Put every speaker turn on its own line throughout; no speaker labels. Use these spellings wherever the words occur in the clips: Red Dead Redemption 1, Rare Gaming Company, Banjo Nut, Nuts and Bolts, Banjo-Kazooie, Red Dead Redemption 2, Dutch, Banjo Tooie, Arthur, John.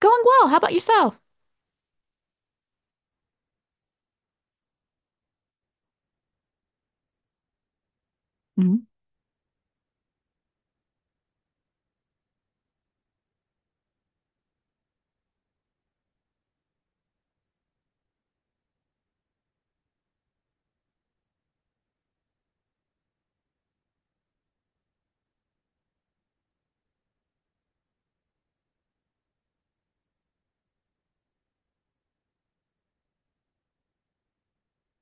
Going well. How about yourself? Mhm.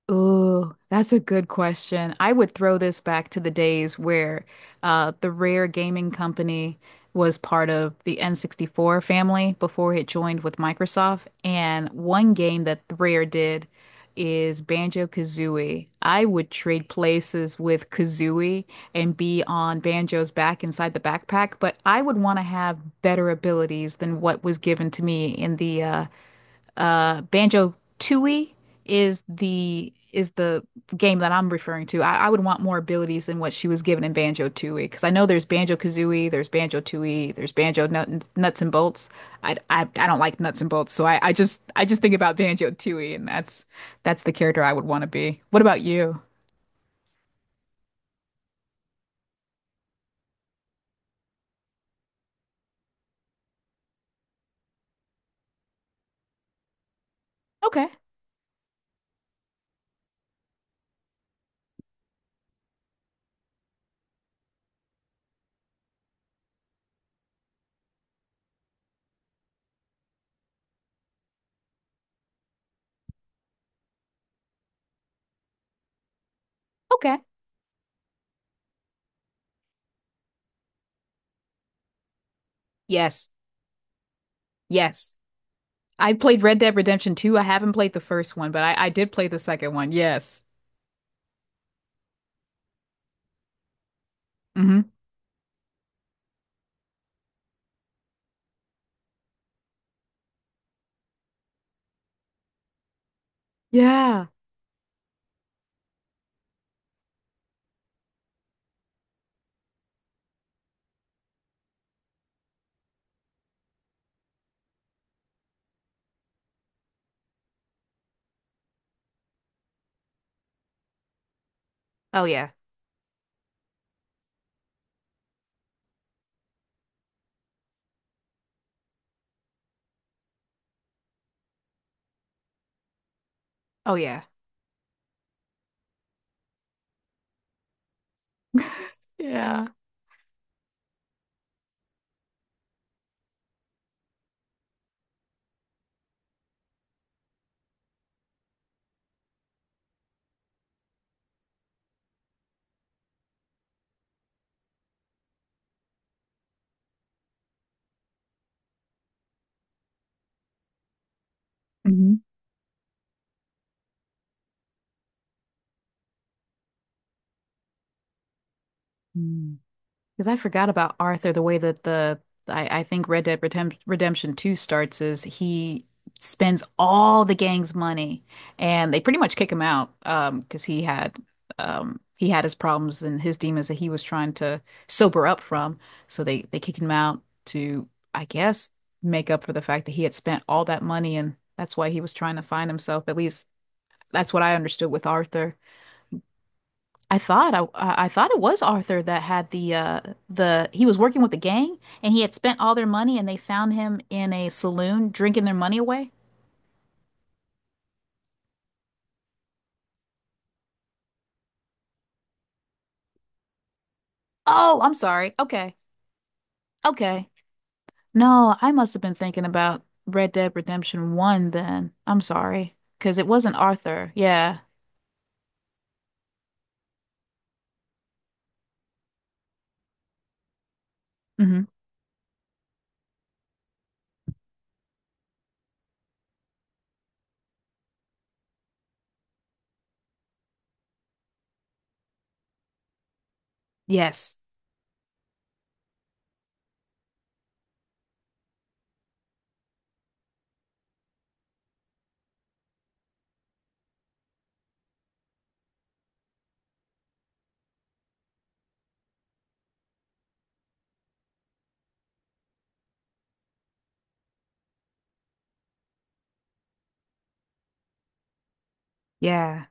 Oh, that's a good question. I would throw this back to the days where the Rare Gaming Company was part of the N64 family before it joined with Microsoft. And one game that Rare did is Banjo-Kazooie. I would trade places with Kazooie and be on Banjo's back inside the backpack, but I would want to have better abilities than what was given to me in the Banjo Tooie is the game that I'm referring to. I would want more abilities than what she was given in Banjo Tooie because I know there's Banjo Kazooie, there's Banjo Tooie, there's Banjo Nut, Nuts and Bolts. I don't like nuts and bolts, so I just think about Banjo Tooie, and that's the character I would want to be. What about you? Okay, okay, yes, yes, I played Red Dead Redemption 2. I haven't played the first one, but I did play the second one. Yes. Hmm. Yeah. Oh yeah. Oh yeah. Yeah. Mm-hmm. Because I forgot about Arthur, the way that I think Red Dead Redemption 2 starts is he spends all the gang's money and they pretty much kick him out, um, because he had his problems and his demons that he was trying to sober up from. So they kicked him out to, I guess, make up for the fact that he had spent all that money, and that's why he was trying to find himself. At least that's what I understood with Arthur. I thought it was Arthur that had the he was working with the gang and he had spent all their money and they found him in a saloon drinking their money away. Oh, I'm sorry. Okay. Okay. No, I must have been thinking about Red Dead Redemption 1 then. I'm sorry. Sorry, because it wasn't Arthur. Yeah. Hmm. Yes. Yeah.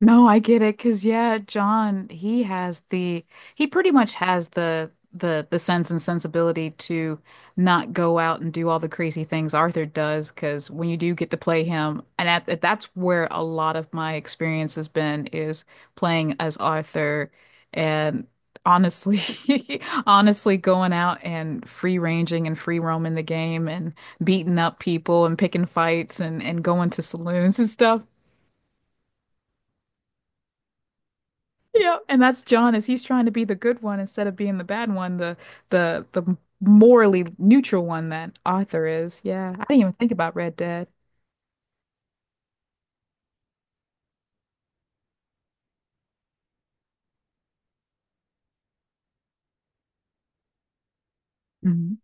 No, I get it. Cause yeah, John, he has the he pretty much has the sense and sensibility to not go out and do all the crazy things Arthur does. Cause when you do get to play him, and that's where a lot of my experience has been is playing as Arthur and honestly, honestly going out and free ranging and free roaming the game and beating up people and picking fights and going to saloons and stuff. Yeah, and that's John is he's trying to be the good one instead of being the bad one, the morally neutral one that Arthur is. Yeah, I didn't even think about Red Dead. Mhm.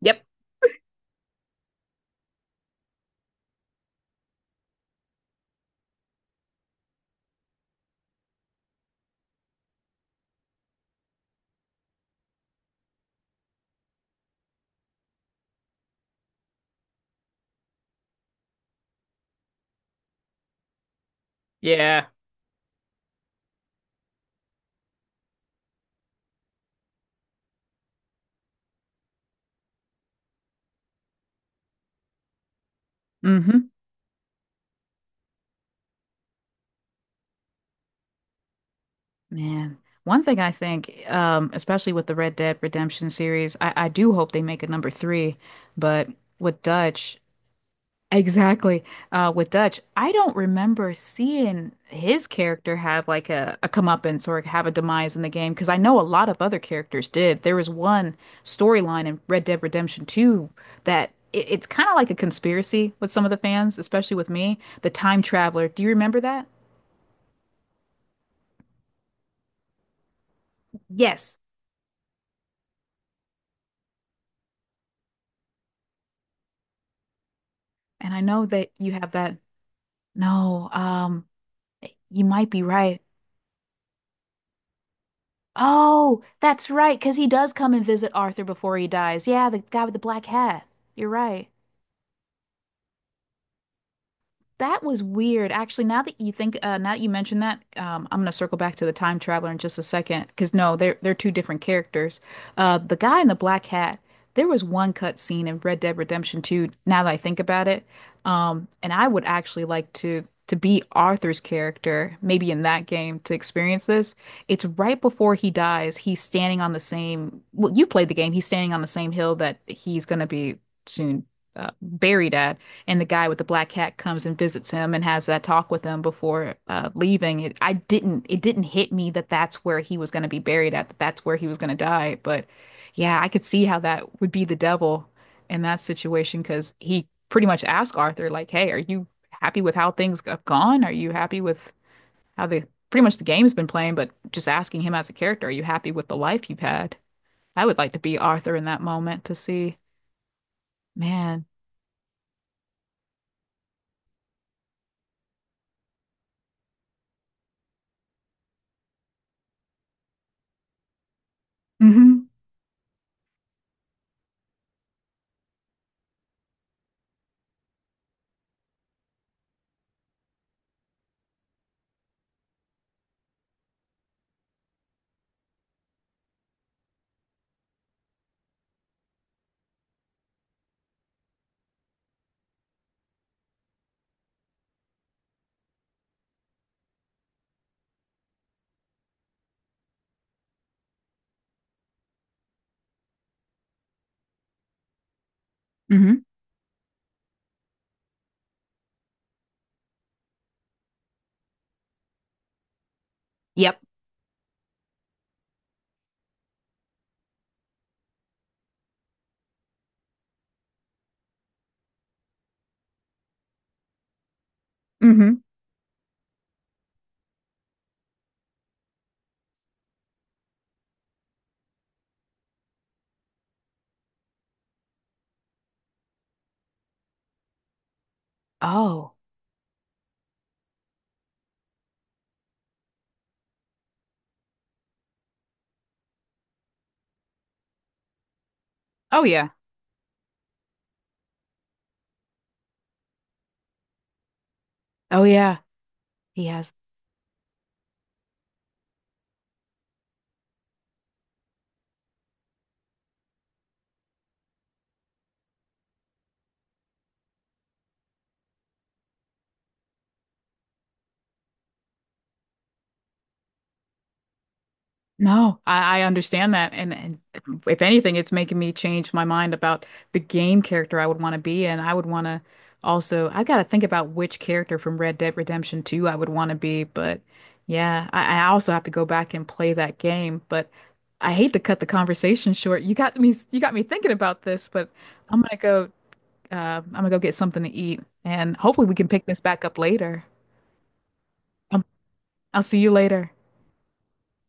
Yep. Yeah. Hmm. Man, one thing I think, especially with the Red Dead Redemption series, I do hope they make a number three, but with Dutch, exactly. With Dutch, I don't remember seeing his character have like a comeuppance or have a demise in the game because I know a lot of other characters did. There was one storyline in Red Dead Redemption 2 that it's kind of like a conspiracy with some of the fans, especially with me. The Time Traveler. Do you remember that? Yes. And I know that you have that. No, you might be right. Oh, that's right, because he does come and visit Arthur before he dies. Yeah, the guy with the black hat. You're right. That was weird. Actually, now that you think, now that you mention that, I'm gonna circle back to the time traveler in just a second, because no, they're two different characters. The guy in the black hat, there was one cut scene in Red Dead Redemption 2, now that I think about it. And I would actually like to be Arthur's character, maybe in that game, to experience this. It's right before he dies. He's standing on the same, well, you played the game. He's standing on the same hill that he's gonna be soon buried at and the guy with the black hat comes and visits him and has that talk with him before leaving. I didn't it didn't hit me that that's where he was going to be buried at, that that's where he was going to die. But yeah, I could see how that would be the devil in that situation because he pretty much asked Arthur like, "Hey, are you happy with how things have gone? Are you happy with how the pretty much the game's been playing?" But just asking him as a character, "Are you happy with the life you've had?" I would like to be Arthur in that moment to see, man. Mm-hmm. Mm-hmm. Yep. Mm-hmm. Oh. Oh yeah. Oh yeah, he has. No, I understand that. And if anything, it's making me change my mind about the game character I would want to be. And I would want to also, I've got to think about which character from Red Dead Redemption 2 I would want to be. But yeah, I also have to go back and play that game. But I hate to cut the conversation short. You got me thinking about this, but I'm gonna go, I'm gonna go get something to eat. And hopefully we can pick this back up later. Um, I'll see you later.